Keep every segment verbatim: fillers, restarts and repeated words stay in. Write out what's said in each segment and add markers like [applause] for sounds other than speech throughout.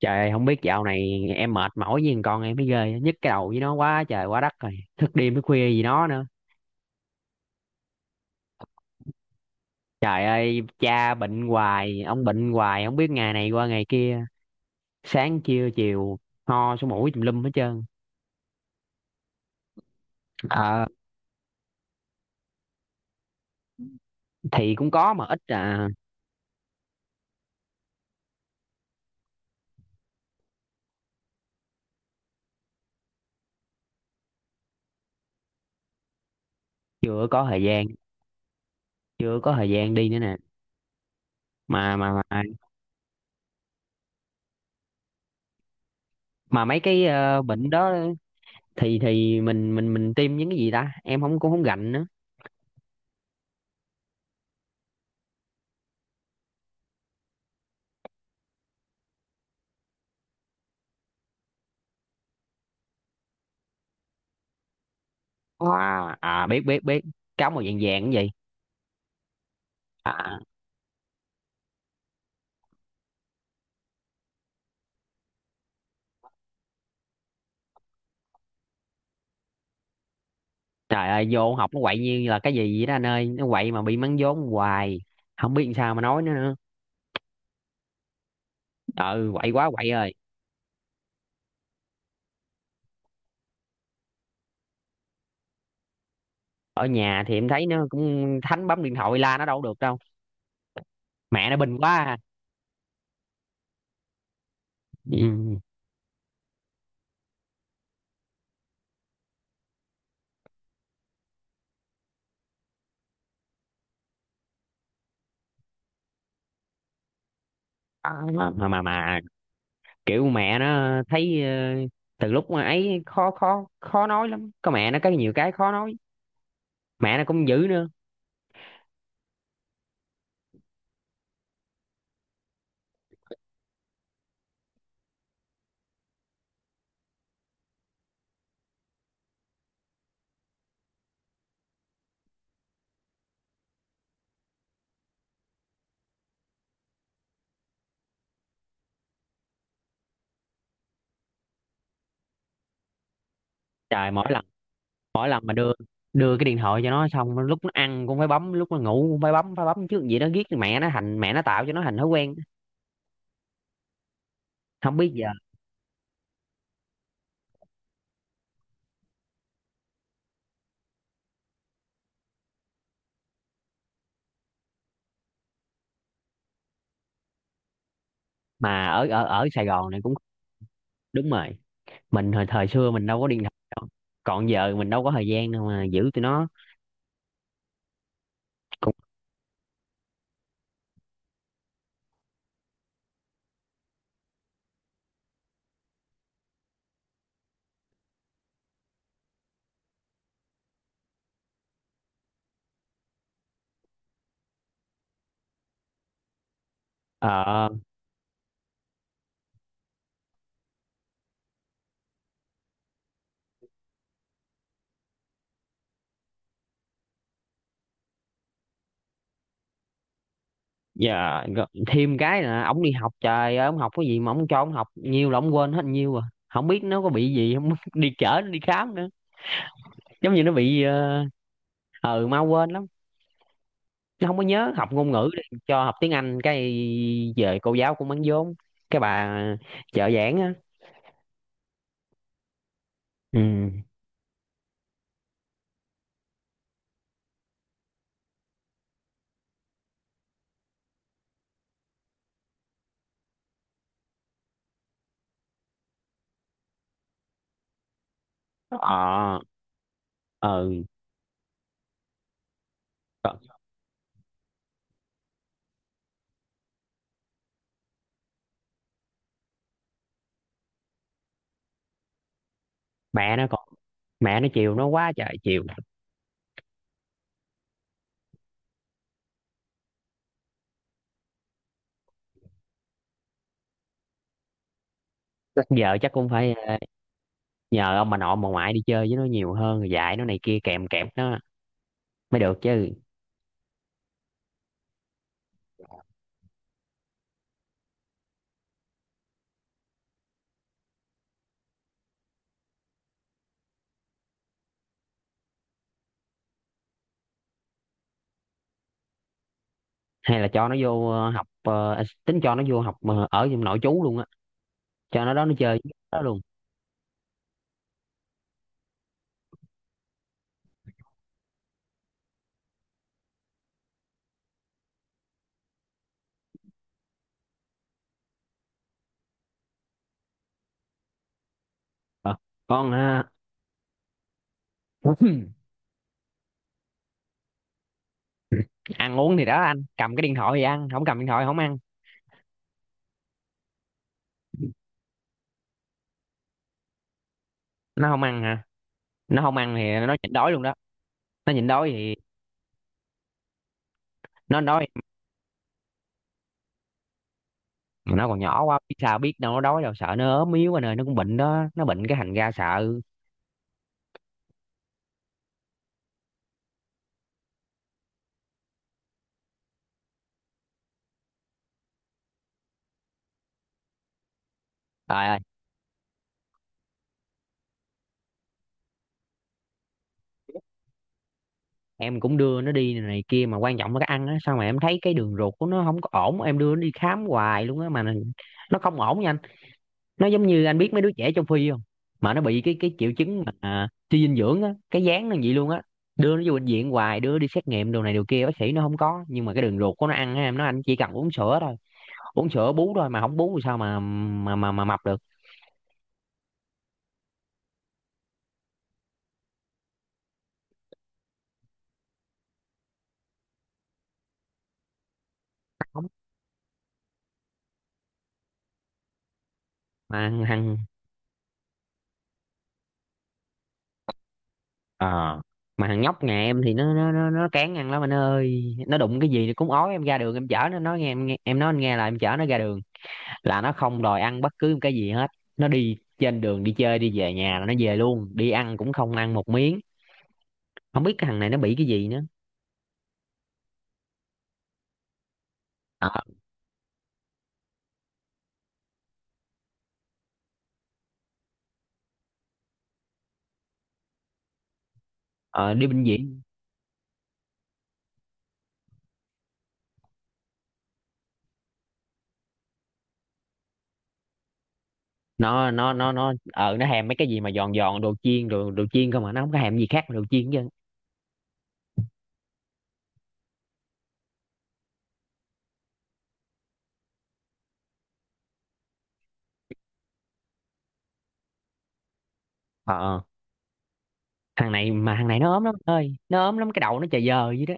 Trời không biết dạo này em mệt mỏi với thằng con em mới ghê, nhức cái đầu với nó quá trời quá đất rồi, thức đêm thức khuya gì nó nữa. Trời ơi, cha bệnh hoài, ông bệnh hoài, không biết, ngày này qua ngày kia, sáng trưa chiều ho sổ mũi tùm lum hết trơn. ờ thì cũng có mà ít à. Chưa có thời gian. Chưa có thời gian đi nữa nè. Mà mà mà, mà mấy cái ờ, bệnh đó, thì thì mình mình mình tiêm những cái gì ta, em không cũng không gành nữa. Wow. À, biết biết biết, cáo màu vàng vàng cái gì. À. Trời ơi, vô học nó quậy như là cái gì vậy đó anh ơi. Nó quậy mà bị mắng vốn hoài. Không biết làm sao mà nói nữa nữa. Ừ, quậy quá quậy ơi. Ở nhà thì em thấy nó cũng thánh bấm điện thoại, la nó đâu có được đâu. Mẹ nó bình quá à. Ừ. Mà, mà mà kiểu mẹ nó thấy ờ, từ lúc mà ấy khó, khó khó nói lắm. Có mẹ nó có nhiều cái khó nói. Mẹ nó cũng dữ nữa. Trời, mỗi lần mỗi lần mà đưa đưa cái điện thoại cho nó, xong lúc nó ăn cũng phải bấm, lúc nó ngủ cũng phải bấm, phải bấm trước vậy đó. Ghét mẹ nó, thành mẹ nó tạo cho nó thành thói quen. Không biết giờ, mà ở ở ở Sài Gòn này cũng, đúng rồi, mình hồi thời xưa mình đâu có điện thoại đâu. Còn giờ mình đâu có thời gian đâu mà giữ tụi nó. Cũng. Ờ. Giờ gọ- thêm cái là ổng đi học, trời ơi, ổng học cái gì mà ổng cho ổng học nhiều là ổng quên hết nhiều à. Không biết nó có bị gì không [laughs] đi chở nó đi khám nữa. Giống như nó bị, ờ ừ, mau quên lắm. Nó không có nhớ, học ngôn ngữ đi cho học tiếng Anh, cái về cô giáo cũng bán vốn, cái bà trợ giảng á. Ừ. Ờ. Ừ. Mẹ nó còn, mẹ nó chiều nó quá trời chiều. Chắc giờ chắc cũng phải nhờ ông bà nội bà ngoại đi chơi với nó nhiều hơn, rồi dạy nó này kia, kèm kẹp nó mới được chứ. Hay là cho nó vô ờ, học, ờ, à, tính cho nó vô học ờ, ở trong nội trú luôn á, cho nó đó, nó chơi với nó luôn. Ờ, con ha. [laughs] [clears throat] Ăn uống thì đó, anh, cầm cái điện thoại thì ăn, không cầm điện thoại không ăn. Nó không ăn hả? Nó không ăn thì nó nhịn đói luôn đó. Nó nhịn đói thì, nó đói, nó còn nhỏ quá biết sao, biết đâu nó đói đâu, sợ nó ốm yếu anh ơi, nó cũng bệnh đó, nó bệnh cái thành ra sợ. Trời ơi, em cũng đưa nó đi này kia, mà quan trọng là cái ăn á, sao mà em thấy cái đường ruột của nó không có ổn, em đưa nó đi khám hoài luôn á, mà n- nó không ổn nha anh. Nó giống như anh biết mấy đứa trẻ trong phi không, mà nó bị cái cái triệu chứng mà, à, suy dinh dưỡng á, cái dáng nó vậy luôn á. Đưa nó vô bệnh viện hoài, đưa nó đi xét nghiệm đồ này đồ kia, bác sĩ nó không có, nhưng mà cái đường ruột của nó ăn á, em nói anh, chỉ cần uống sữa thôi, uống sữa bú thôi, mà không bú thì sao mà mà mà, mà mập được. Không. Mà hằng. Ờ, mà thằng nhóc nhà em thì nó nó nó nó cán ăn lắm anh ơi, nó đụng cái gì cũng ói. Em ra đường em chở nó, nói nghe em, nghe em nói anh nghe, là em chở nó ra đường là nó không đòi ăn bất cứ một cái gì hết. Nó đi trên đường, đi chơi đi về nhà là nó về luôn, đi ăn cũng không ăn một miếng. Không biết cái thằng này nó bị cái gì nữa. ờ, ờ, Đi bệnh viện. Nó nó nó nó ờ nó thèm mấy cái gì mà giòn giòn, đồ chiên, đồ đồ chiên không, mà nó không có thèm gì khác mà đồ chiên chứ. Ờ. Ờ, thằng này, mà thằng này nó ốm lắm anh ơi, nó ốm lắm, cái đầu nó chà giờ vậy đó.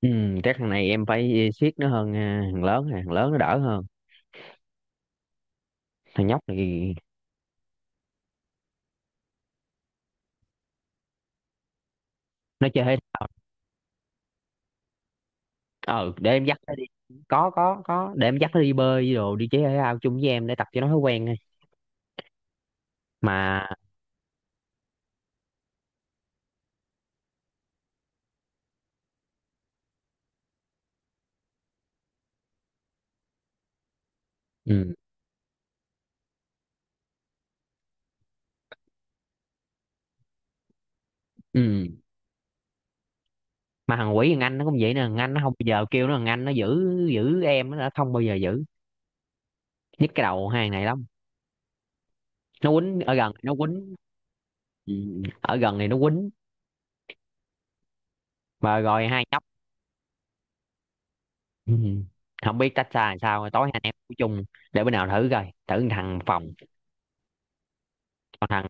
Ừ, chắc thằng này em phải siết nó hơn. À, thằng lớn, à, thằng lớn nó đỡ hơn. Thằng nhóc này. Nó chơi thể thao. Ờ, để em dắt nó đi. có có có để em dắt nó đi bơi đi đồ, đi chơi thể thao chung với em để tập cho nó thói quen thôi. Mà. Ừ. Ừ. Mà thằng quỷ thằng anh nó cũng vậy nè, thằng anh nó không bao giờ kêu nó, thằng anh nó giữ giữ em nó đã không bao giờ giữ. Nhức cái đầu hai thằng này lắm. Nó quýnh, ở gần nó quýnh. Ừ. Ở gần này nó quýnh. Mà rồi hai nhóc. Ừ. Không biết tách ra làm sao, tối hai anh em ngủ chung. Để bữa nào thử coi, thử thằng phòng. Còn thằng.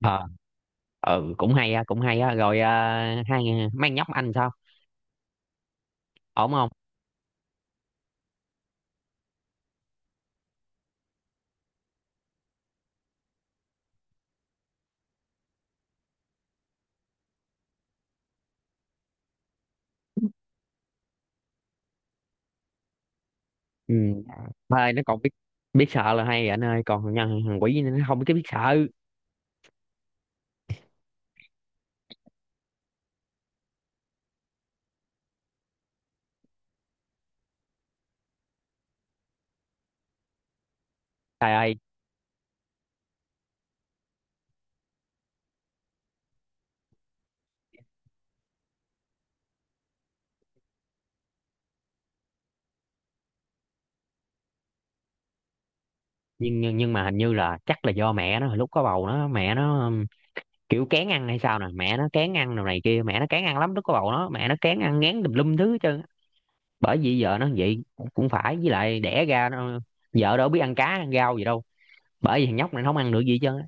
Ờ. Ừ, cũng hay á, cũng hay á rồi. À, hai, mang nhóc anh sao? Ổn không? Ừ. Thôi nó còn biết, biết sợ là hay rồi anh ơi, còn nhân thằng quỷ nó không biết biết sợ. Trời ơi. Nhưng nhưng nhưng mà hình như là chắc là do mẹ nó hồi lúc có bầu nó, mẹ nó um, kiểu kén ăn hay sao nè, mẹ nó kén ăn đồ này kia, mẹ nó kén ăn lắm, lúc có bầu nó mẹ nó kén ăn, ngán tùm lum thứ hết trơn á. Bởi vì vợ nó vậy cũng phải, với lại đẻ ra nó, vợ đâu biết ăn cá ăn rau gì đâu, bởi vì thằng nhóc này nó không ăn được gì hết trơn á.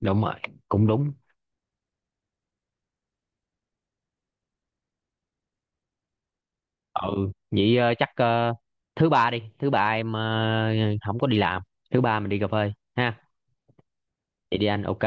Đúng rồi, cũng đúng. Ừ vậy, ờ, chắc, ờ, thứ ba đi, thứ ba em ờ, không có đi làm, thứ ba mình đi cà phê ha. Vậy đi anh, ok.